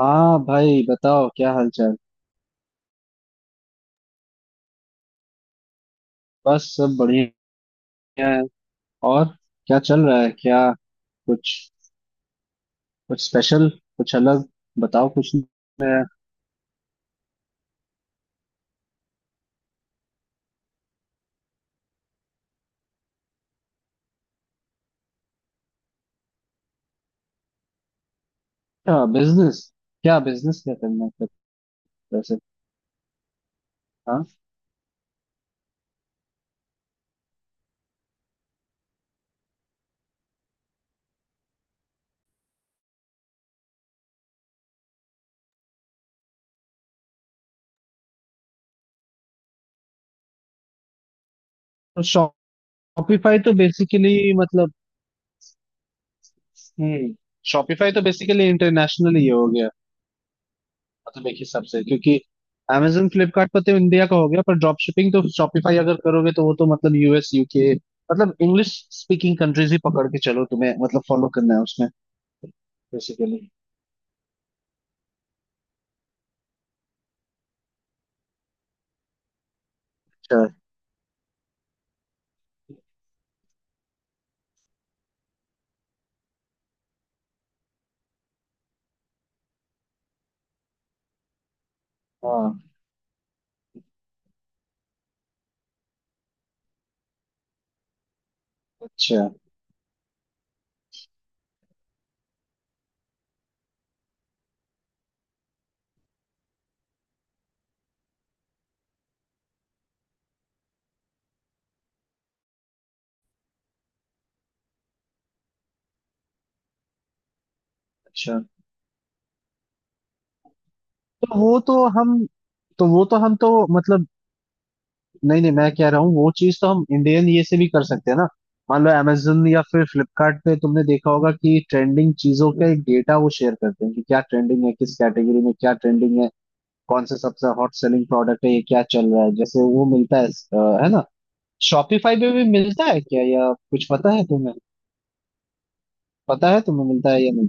हाँ भाई, बताओ क्या हालचाल। बस सब बढ़िया है। और क्या चल रहा है? क्या कुछ कुछ स्पेशल, कुछ अलग? बताओ कुछ नया। क्या बिजनेस क्या बिजनेस क्या करना है फिर? वैसे, हाँ। तो शॉपिफाई तो बेसिकली मतलब, हम्म शॉपिफाई तो बेसिकली इंटरनेशनल ही हो गया। मतलब देखिए, सबसे क्योंकि Amazon फ्लिपकार्ट पर तो इंडिया का हो गया, पर ड्रॉप शिपिंग तो शॉपिफाई अगर करोगे तो वो तो मतलब यूएस यूके, मतलब इंग्लिश स्पीकिंग कंट्रीज ही पकड़ के चलो, तुम्हें मतलब फॉलो करना है उसमें। बेसिकली अच्छा। हाँ। अच्छा अच्छा। तो वो तो हम तो वो तो हम तो मतलब, नहीं नहीं, मैं कह रहा हूँ वो चीज तो हम इंडियन ये से भी कर सकते हैं ना। मान लो amazon या फिर फ्लिपकार्ट पे तुमने देखा होगा कि ट्रेंडिंग चीजों का एक डेटा वो शेयर करते हैं, कि क्या ट्रेंडिंग है, किस कैटेगरी में क्या ट्रेंडिंग है, कौन सा सबसे हॉट सेलिंग प्रोडक्ट है, ये क्या चल रहा है, जैसे वो मिलता है। है ना? शॉपिफाई पे भी मिलता है क्या, या कुछ पता है तुम्हें? पता है तुम्हें, मिलता है या नहीं?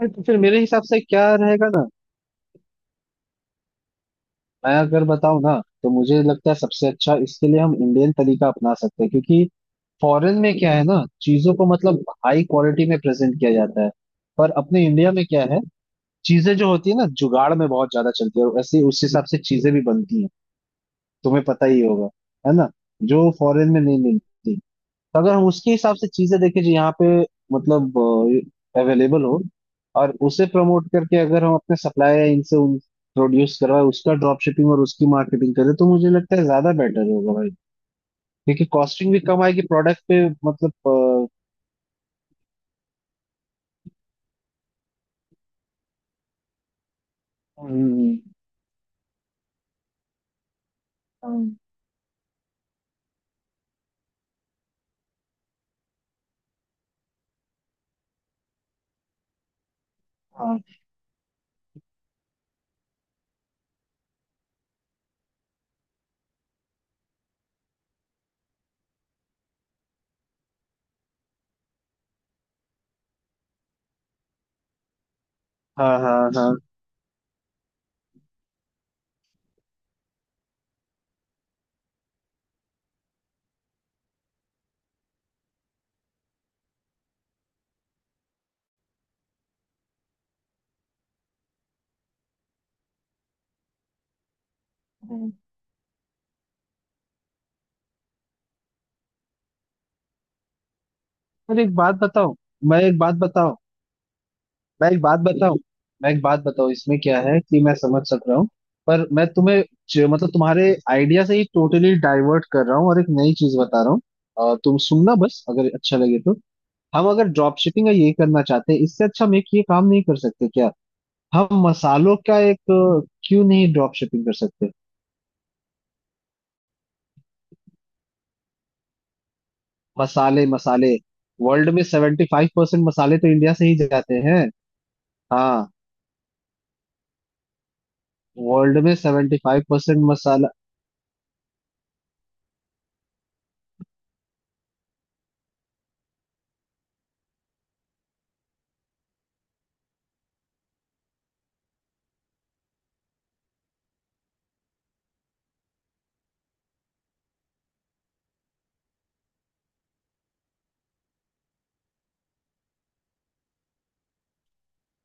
अरे, तो फिर मेरे हिसाब से क्या रहेगा ना, मैं अगर बताऊं ना, तो मुझे लगता है सबसे अच्छा इसके लिए हम इंडियन तरीका अपना सकते हैं। क्योंकि फॉरेन में क्या है ना, चीजों को मतलब हाई क्वालिटी में प्रेजेंट किया जाता है। पर अपने इंडिया में क्या है, चीजें जो होती है ना, जुगाड़ में बहुत ज्यादा चलती है, और ऐसे ही उस हिसाब से चीजें भी बनती हैं। तुम्हें पता ही होगा, है ना? जो फॉरेन में नहीं मिलती। तो अगर हम उसके हिसाब से चीजें देखें जो यहाँ पे मतलब अवेलेबल हो, और उसे प्रमोट करके अगर हम अपने सप्लायर इनसे उन प्रोड्यूस करवाए, उसका ड्रॉप शिपिंग और उसकी मार्केटिंग करें, तो मुझे लगता है ज्यादा बेटर होगा भाई। क्योंकि कॉस्टिंग भी कम आएगी प्रोडक्ट पे। मतलब हम्म, हाँ हाँ हाँ हाँ। और एक बात बताओ, मैं एक बात बताओ मैं एक बात बताऊं मैं एक बात बताऊं, इसमें क्या है कि मैं समझ सक रहा हूँ, पर मैं तुम्हें मतलब तुम्हारे आइडिया से ही टोटली डाइवर्ट कर रहा हूँ और एक नई चीज बता रहा हूँ। तुम सुनना, बस अगर अच्छा लगे तो। हम अगर ड्रॉप शिपिंग या ये करना चाहते हैं, इससे अच्छा हम एक ये काम नहीं कर सकते क्या, हम मसालों का एक अ, क्यों नहीं ड्रॉप शिपिंग कर सकते? मसाले, मसाले। वर्ल्ड में 75% मसाले तो इंडिया से ही जाते हैं। हाँ। वर्ल्ड में सेवेंटी फाइव परसेंट मसाला।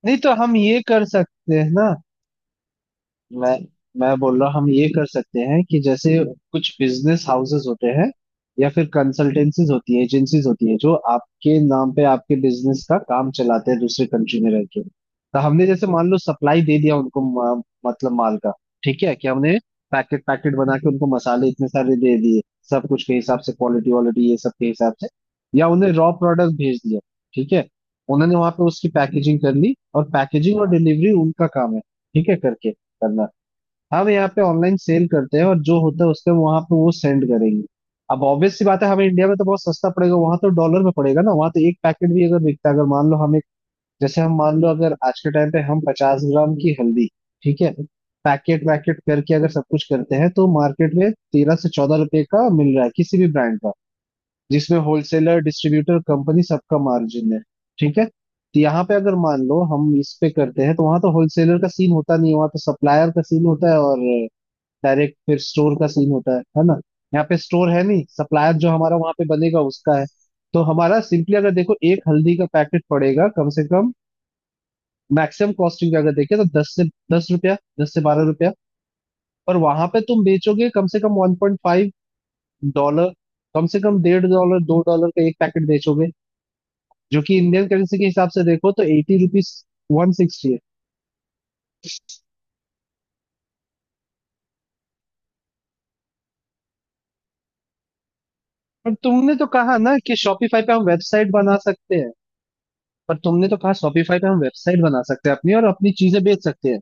नहीं, तो हम ये कर सकते हैं ना। मैं मैं बोल रहा हूँ हम ये कर सकते हैं कि जैसे कुछ बिजनेस हाउसेस होते हैं, या फिर कंसल्टेंसीज होती है, एजेंसीज होती है, जो आपके नाम पे आपके बिजनेस का काम चलाते हैं दूसरे कंट्री में रह के। तो हमने जैसे मान लो सप्लाई दे दिया उनको, मतलब माल का। ठीक है कि हमने पैकेट पैकेट बना के उनको मसाले इतने सारे दे दिए, सब कुछ के हिसाब से, क्वालिटी वालिटी ये सब के हिसाब से, या उन्हें रॉ प्रोडक्ट भेज दिया। ठीक है, उन्होंने वहां पे उसकी पैकेजिंग कर ली, और पैकेजिंग और डिलीवरी उनका काम है। ठीक है, करके करना। हम यहाँ पे ऑनलाइन सेल करते हैं, और जो होता है उसके वहां पे वो सेंड करेंगे। अब ऑब्वियस सी बात है, हमें इंडिया में तो बहुत सस्ता पड़ेगा, वहां तो डॉलर में पड़ेगा ना। वहां तो एक पैकेट भी अगर बिकता है, अगर मान लो हम एक, जैसे हम मान लो अगर आज के टाइम पे हम 50 ग्राम की हल्दी, ठीक है, पैकेट वैकेट करके अगर सब कुछ करते हैं, तो मार्केट में 13 से 14 रुपए का मिल रहा है किसी भी ब्रांड का, जिसमें होलसेलर डिस्ट्रीब्यूटर कंपनी सबका मार्जिन है। ठीक है, तो यहाँ पे अगर मान लो हम इस पे करते हैं, तो वहां तो होलसेलर का सीन होता नहीं है, वहां तो सप्लायर का सीन होता है, और डायरेक्ट फिर स्टोर का सीन होता है ना? यहाँ पे स्टोर है नहीं, सप्लायर जो हमारा वहां पे बनेगा उसका है। तो हमारा सिंपली अगर देखो, एक हल्दी का पैकेट पड़ेगा कम से कम, मैक्सिमम कॉस्टिंग अगर देखें तो 10 रुपया, 10 से 12 रुपया। और वहां पे तुम बेचोगे कम से कम 1.5 डॉलर, कम से कम 1.5 डॉलर 2 डॉलर का एक पैकेट बेचोगे, जो कि इंडियन करेंसी के हिसाब से देखो तो 80 रुपीज, 160 है। पर तुमने तो कहा ना कि शॉपिफाई पे हम वेबसाइट बना सकते हैं? पर तुमने तो कहा शॉपिफाई पे हम वेबसाइट बना सकते हैं अपनी, और अपनी चीजें बेच सकते हैं।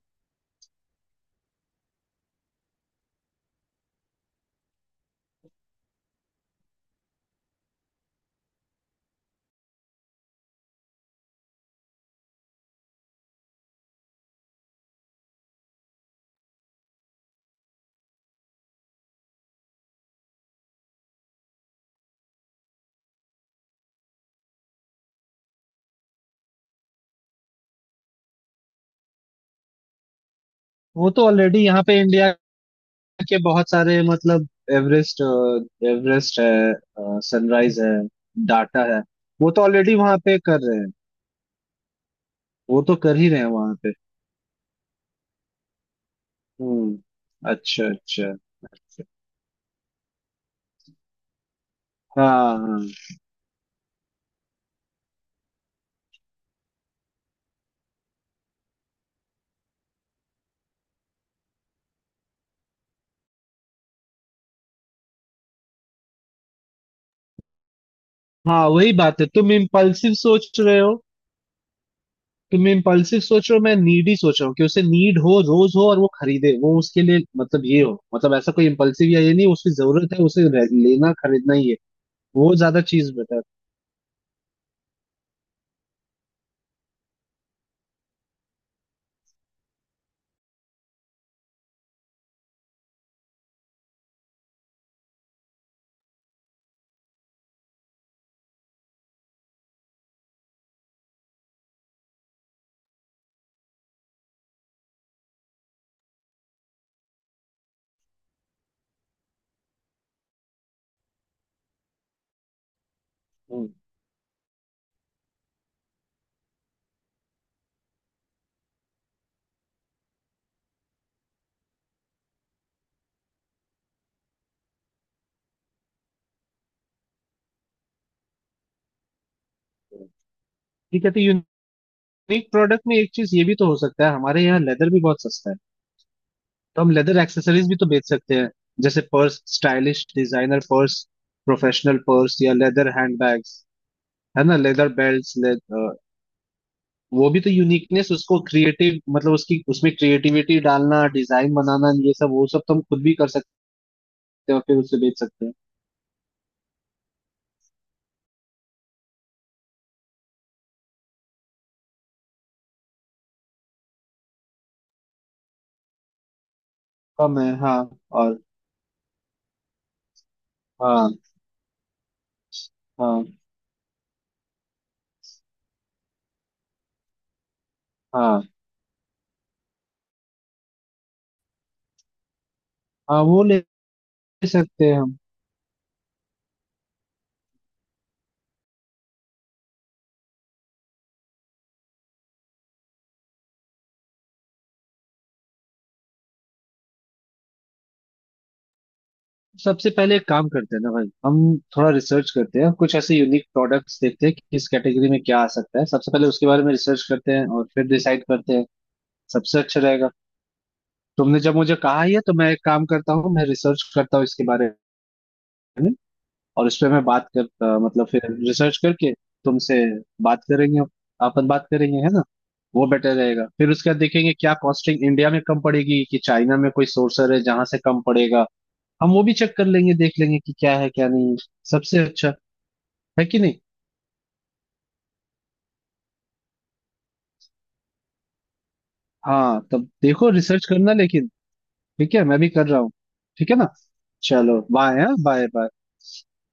वो तो ऑलरेडी यहाँ पे इंडिया के बहुत सारे, मतलब, एवरेस्ट एवरेस्ट है, सनराइज है, डाटा है। वो तो ऑलरेडी वहां पे कर रहे हैं, वो तो कर ही रहे हैं वहां पे। हम्म, अच्छा अच्छा, अच्छा। हाँ हाँ हाँ। वही बात है, तुम इम्पल्सिव सोच रहे हो, मैं नीडी सोच रहा हूँ, कि उसे नीड हो, रोज हो, और वो खरीदे, वो उसके लिए मतलब ये हो, मतलब ऐसा कोई इम्पल्सिव या ये नहीं, उसकी जरूरत है, उसे लेना खरीदना ही है। वो ज्यादा चीज बेटर। ठीक है। तो यूनिक प्रोडक्ट में एक चीज ये भी तो हो सकता है, हमारे यहाँ लेदर भी बहुत सस्ता है। तो हम लेदर एक्सेसरीज भी तो बेच सकते हैं, जैसे purse, stylish designer purse, professional purse या लेदर हैंडबैग्स। है ना? Leather belt. वो भी तो यूनिकनेस, उसको क्रिएटिव मतलब उसकी उसमें क्रिएटिविटी डालना, डिजाइन बनाना, ये सब वो सब तो हम खुद भी कर सकते हैं, और फिर उसे बेच सकते हैं। कम है, हाँ। और, हाँ। हाँ हाँ हाँ, वो ले सकते हैं हम। सबसे पहले एक काम करते हैं ना भाई, हम थोड़ा रिसर्च करते हैं, कुछ ऐसे यूनिक प्रोडक्ट्स देखते हैं कि किस कैटेगरी में क्या आ सकता है, सबसे पहले उसके बारे में रिसर्च करते हैं और फिर डिसाइड करते हैं, सबसे अच्छा रहेगा। तुमने जब मुझे कहा ही है तो मैं एक काम करता हूँ, मैं रिसर्च करता हूँ इसके बारे में, और इस पे मैं बात कर मतलब फिर रिसर्च करके तुमसे बात करेंगे, अपन बात करेंगे, है ना? वो बेटर रहेगा। फिर उसके बाद देखेंगे क्या कॉस्टिंग इंडिया में कम पड़ेगी, कि चाइना में कोई सोर्सर है जहां से कम पड़ेगा, हम वो भी चेक कर लेंगे, देख लेंगे कि क्या है क्या नहीं है। सबसे अच्छा है कि नहीं। हाँ, तब देखो, रिसर्च करना लेकिन। ठीक है, मैं भी कर रहा हूँ। ठीक है ना। चलो बाय। हाँ, बाय बाय।